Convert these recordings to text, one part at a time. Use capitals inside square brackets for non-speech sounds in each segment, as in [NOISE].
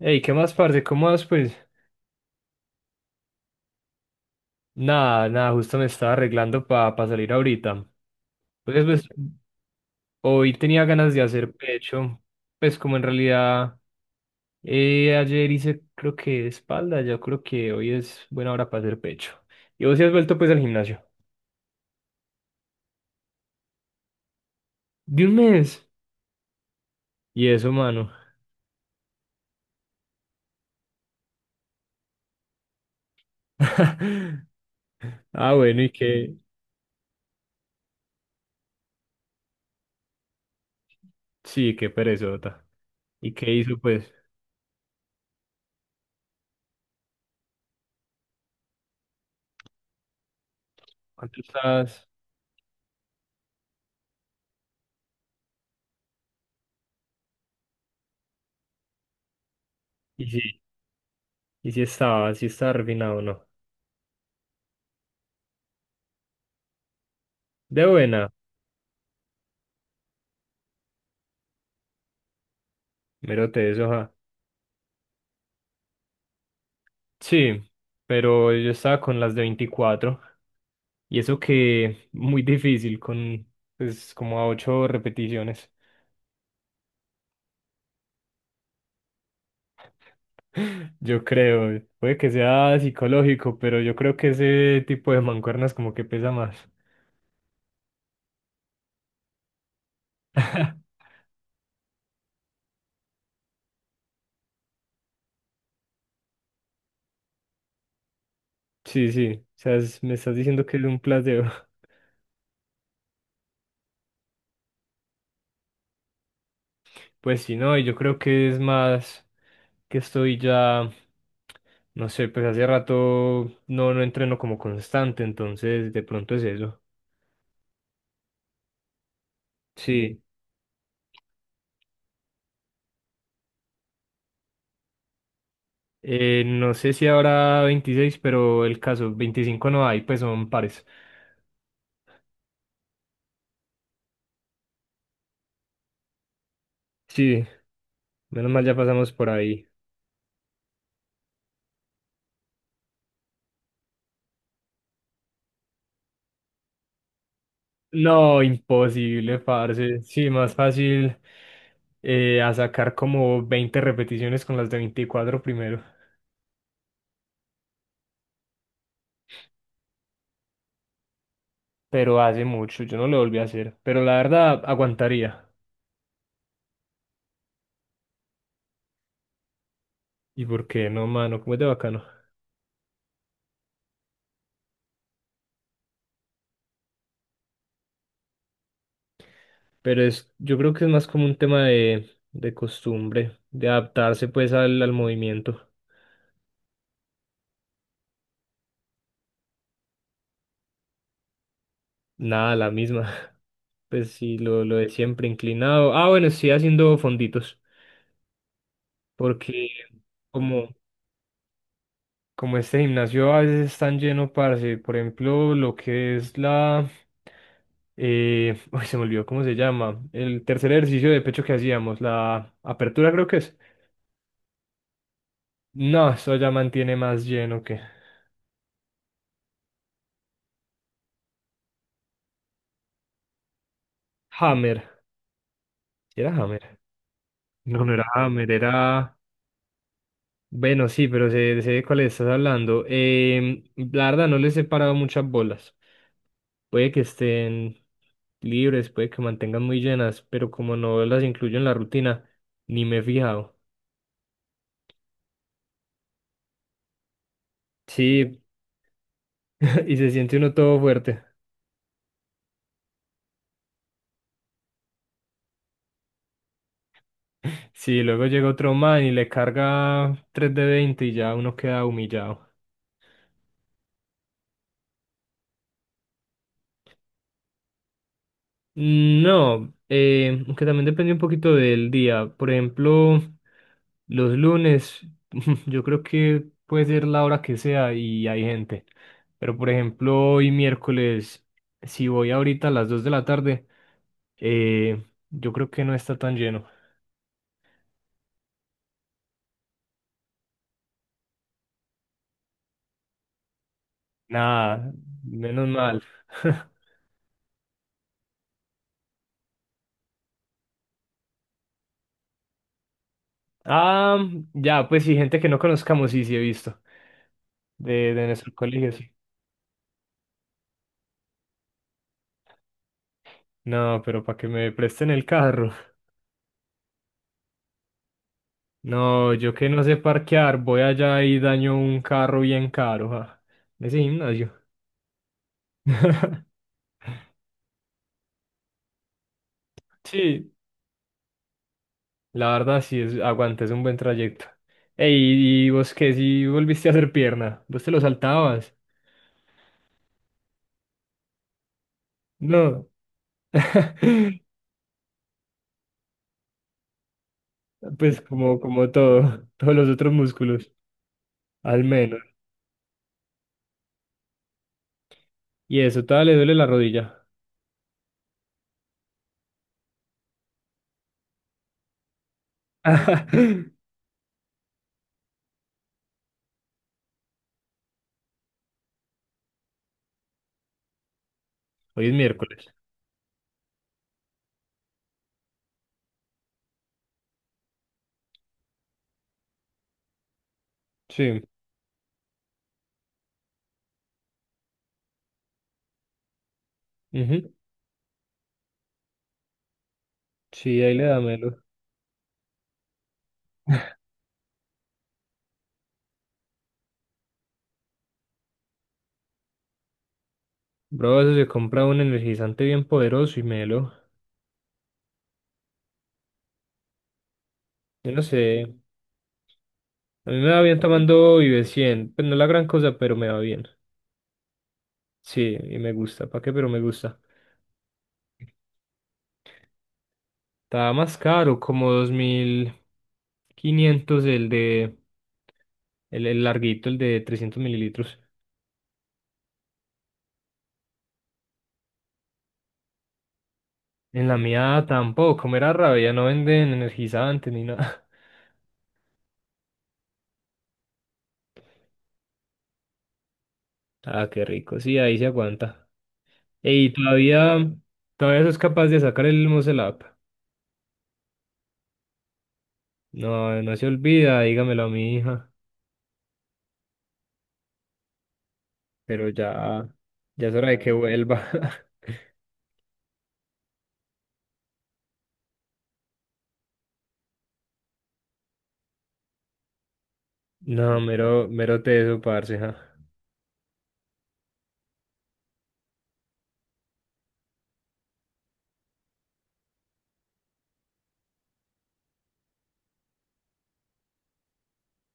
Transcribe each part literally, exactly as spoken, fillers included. Ey, ¿qué más, parce? ¿Cómo vas, pues? Nada, nada, justo me estaba arreglando para salir ahorita. Pues, pues, hoy tenía ganas de hacer pecho. Pues, como en realidad, eh, ayer hice, creo que espalda, yo creo que hoy es buena hora para hacer pecho. ¿Y vos sí has vuelto, pues, al gimnasio? ¿De un mes? ¿Y eso, mano? [LAUGHS] Ah, bueno, ¿y qué? Sí, qué perezota. ¿Y qué hizo, pues? ¿Cuánto estabas? Y sí, y sí estaba, sí estaba refinado, ¿no? De buena, mero te eso, ja. Sí, pero yo estaba con las de veinticuatro y eso que muy difícil con pues como a ocho repeticiones. [LAUGHS] Yo creo, puede que sea psicológico, pero yo creo que ese tipo de mancuernas como que pesa más. [LAUGHS] Sí, sí, o sea, es- me estás diciendo que es un placebo. [LAUGHS] Pues sí, no, y yo creo que es más que estoy ya, no sé, pues hace rato no, no entreno como constante, entonces de pronto es eso. Sí. Eh, no sé si habrá veintiséis, pero el caso, veinticinco no hay, pues son pares. Sí, menos mal ya pasamos por ahí. No, imposible, parce. Sí, más fácil eh, a sacar como veinte repeticiones con las de veinticuatro primero. Pero hace mucho, yo no lo volví a hacer. Pero la verdad, aguantaría. ¿Y por qué no, mano? Como es de bacano. Pero es, yo creo que es más como un tema de, de costumbre, de adaptarse pues al, al movimiento. Nada, la misma. [LAUGHS] Pues sí, lo, lo de siempre inclinado. Ah, bueno, estoy haciendo fonditos. Porque como, como este gimnasio a veces es tan lleno, parce. Por ejemplo, lo que es la. Eh, [LAUGHS] uy, se me olvidó cómo se llama. El tercer ejercicio de pecho que hacíamos, la apertura creo que es. No, eso ya mantiene más lleno que. Hammer. ¿Sí era Hammer? No, no era Hammer, era. Bueno, sí, pero sé, sé de cuál estás hablando. Eh, la verdad, no les he parado muchas bolas. Puede que estén libres, puede que mantengan muy llenas, pero como no las incluyo en la rutina, ni me he fijado. Sí, [LAUGHS] y se siente uno todo fuerte. Sí, luego llega otro man y le carga tres de veinte y ya uno queda humillado. Mm, no, eh, aunque también depende un poquito del día. Por ejemplo, los lunes, [LAUGHS] yo creo que puede ser la hora que sea y hay gente. Pero por ejemplo, hoy miércoles, si voy ahorita a las dos de la tarde, Eh, yo creo que no está tan lleno. Nada, menos mal. [LAUGHS] Ah, ya, pues sí, gente que no conozcamos, sí, sí he visto. De, de nuestro colegio, sí. No, pero para que me presten el carro. [LAUGHS] No, yo que no sé parquear, voy allá y daño un carro bien caro, ja. Ese gimnasio. [LAUGHS] Sí, la verdad sí, es, aguanta, es un buen trayecto. Ey, ¿y vos qué? Si volviste a hacer pierna, vos te lo saltabas. No. [LAUGHS] Pues como, como todo, [LAUGHS] todos los otros músculos, al menos. Y eso, todavía le duele la rodilla. [LAUGHS] Hoy es miércoles. Sí, ujú. Sí, ahí le da melo. Bro, eso se compra un energizante bien poderoso y melo. Yo no sé. A mí me va bien tomando Vive cien. Pues no es la gran cosa, pero me va bien. Sí, y me gusta. ¿Para qué? Pero me gusta. Estaba más caro, como dos mil quinientos el de... El, el larguito, el de trescientos mililitros. En la mía tampoco, me da rabia, no venden energizantes ni nada. [LAUGHS] Ah, qué rico, sí, ahí se aguanta. Y todavía, todavía sos capaz de sacar el Mosel App. No, no se olvida, dígamelo a mi hija. Pero ya, ya es hora de que vuelva. [LAUGHS] No, mero, mero teso, parce. Ja.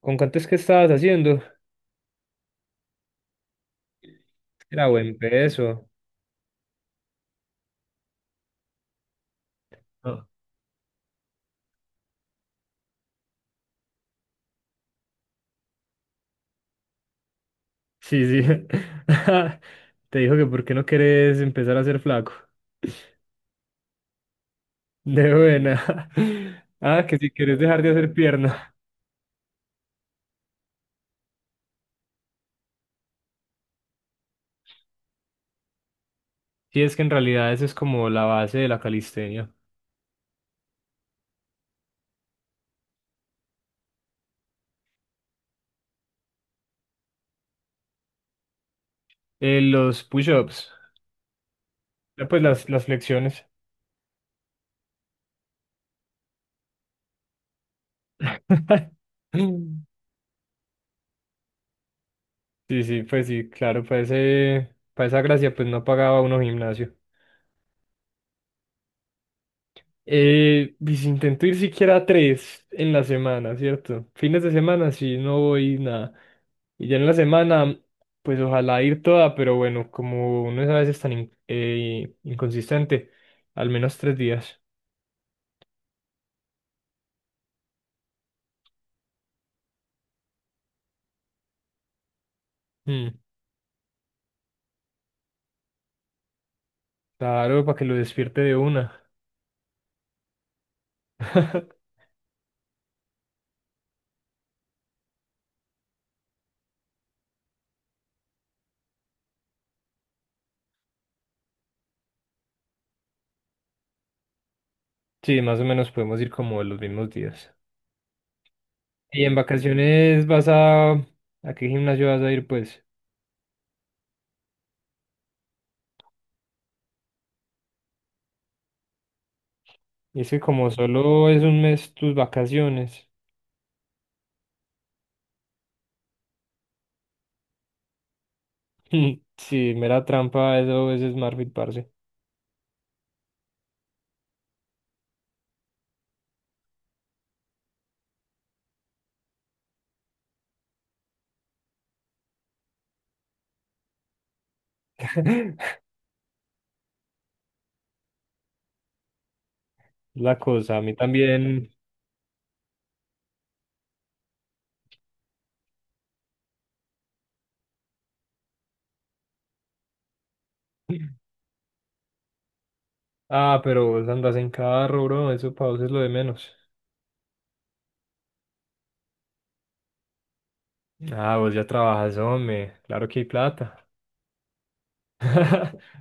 ¿Con cuánto es que estabas haciendo? Era buen peso. Ah, sí, sí. [LAUGHS] Te dijo que por qué no querés empezar a ser flaco. De buena. [LAUGHS] Ah, que si quieres dejar de hacer pierna. Sí, es que en realidad esa es como la base de la calistenia. Eh, los push-ups, eh, pues las, las flexiones. [LAUGHS] Sí, sí, pues sí, claro, para ese, para esa gracia pues no pagaba uno gimnasio. Eh, y si intento ir siquiera tres en la semana, ¿cierto? Fines de semana sí, no voy nada. Y ya en la semana, pues ojalá ir toda, pero bueno, como uno es a veces tan in- eh, inconsistente, al menos tres días. Mm, claro, para que lo despierte de una. [LAUGHS] Sí, más o menos podemos ir como los mismos días. Y en vacaciones vas a... ¿A qué gimnasio vas a ir, pues? Y es que como solo es un mes tus vacaciones. [LAUGHS] Sí, mera trampa, eso es Smartfit, parce. [LAUGHS] Es la cosa, a mí también. Ah, pero vos andas en carro, bro, eso para vos es lo de menos. Ah, vos ya trabajas, hombre, claro que hay plata. [LAUGHS]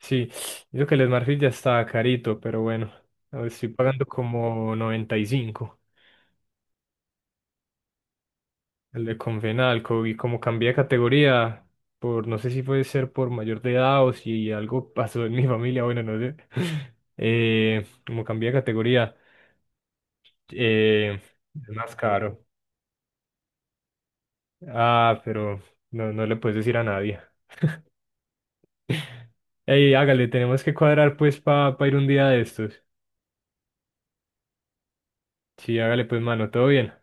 Sí, digo que el Smartfit ya está carito, pero bueno, a ver, estoy pagando como noventa y cinco. El de Confenalco, y como cambié de categoría, por no sé si puede ser por mayor de edad o si algo pasó en mi [LAUGHS] familia, bueno, no sé. [LAUGHS] Eh, como cambié de categoría. Eh, es más caro. Ah, pero no, no le puedes decir a nadie. [LAUGHS] Ey, hágale, tenemos que cuadrar pues para ir un día de estos. Sí, hágale pues, mano, todo bien.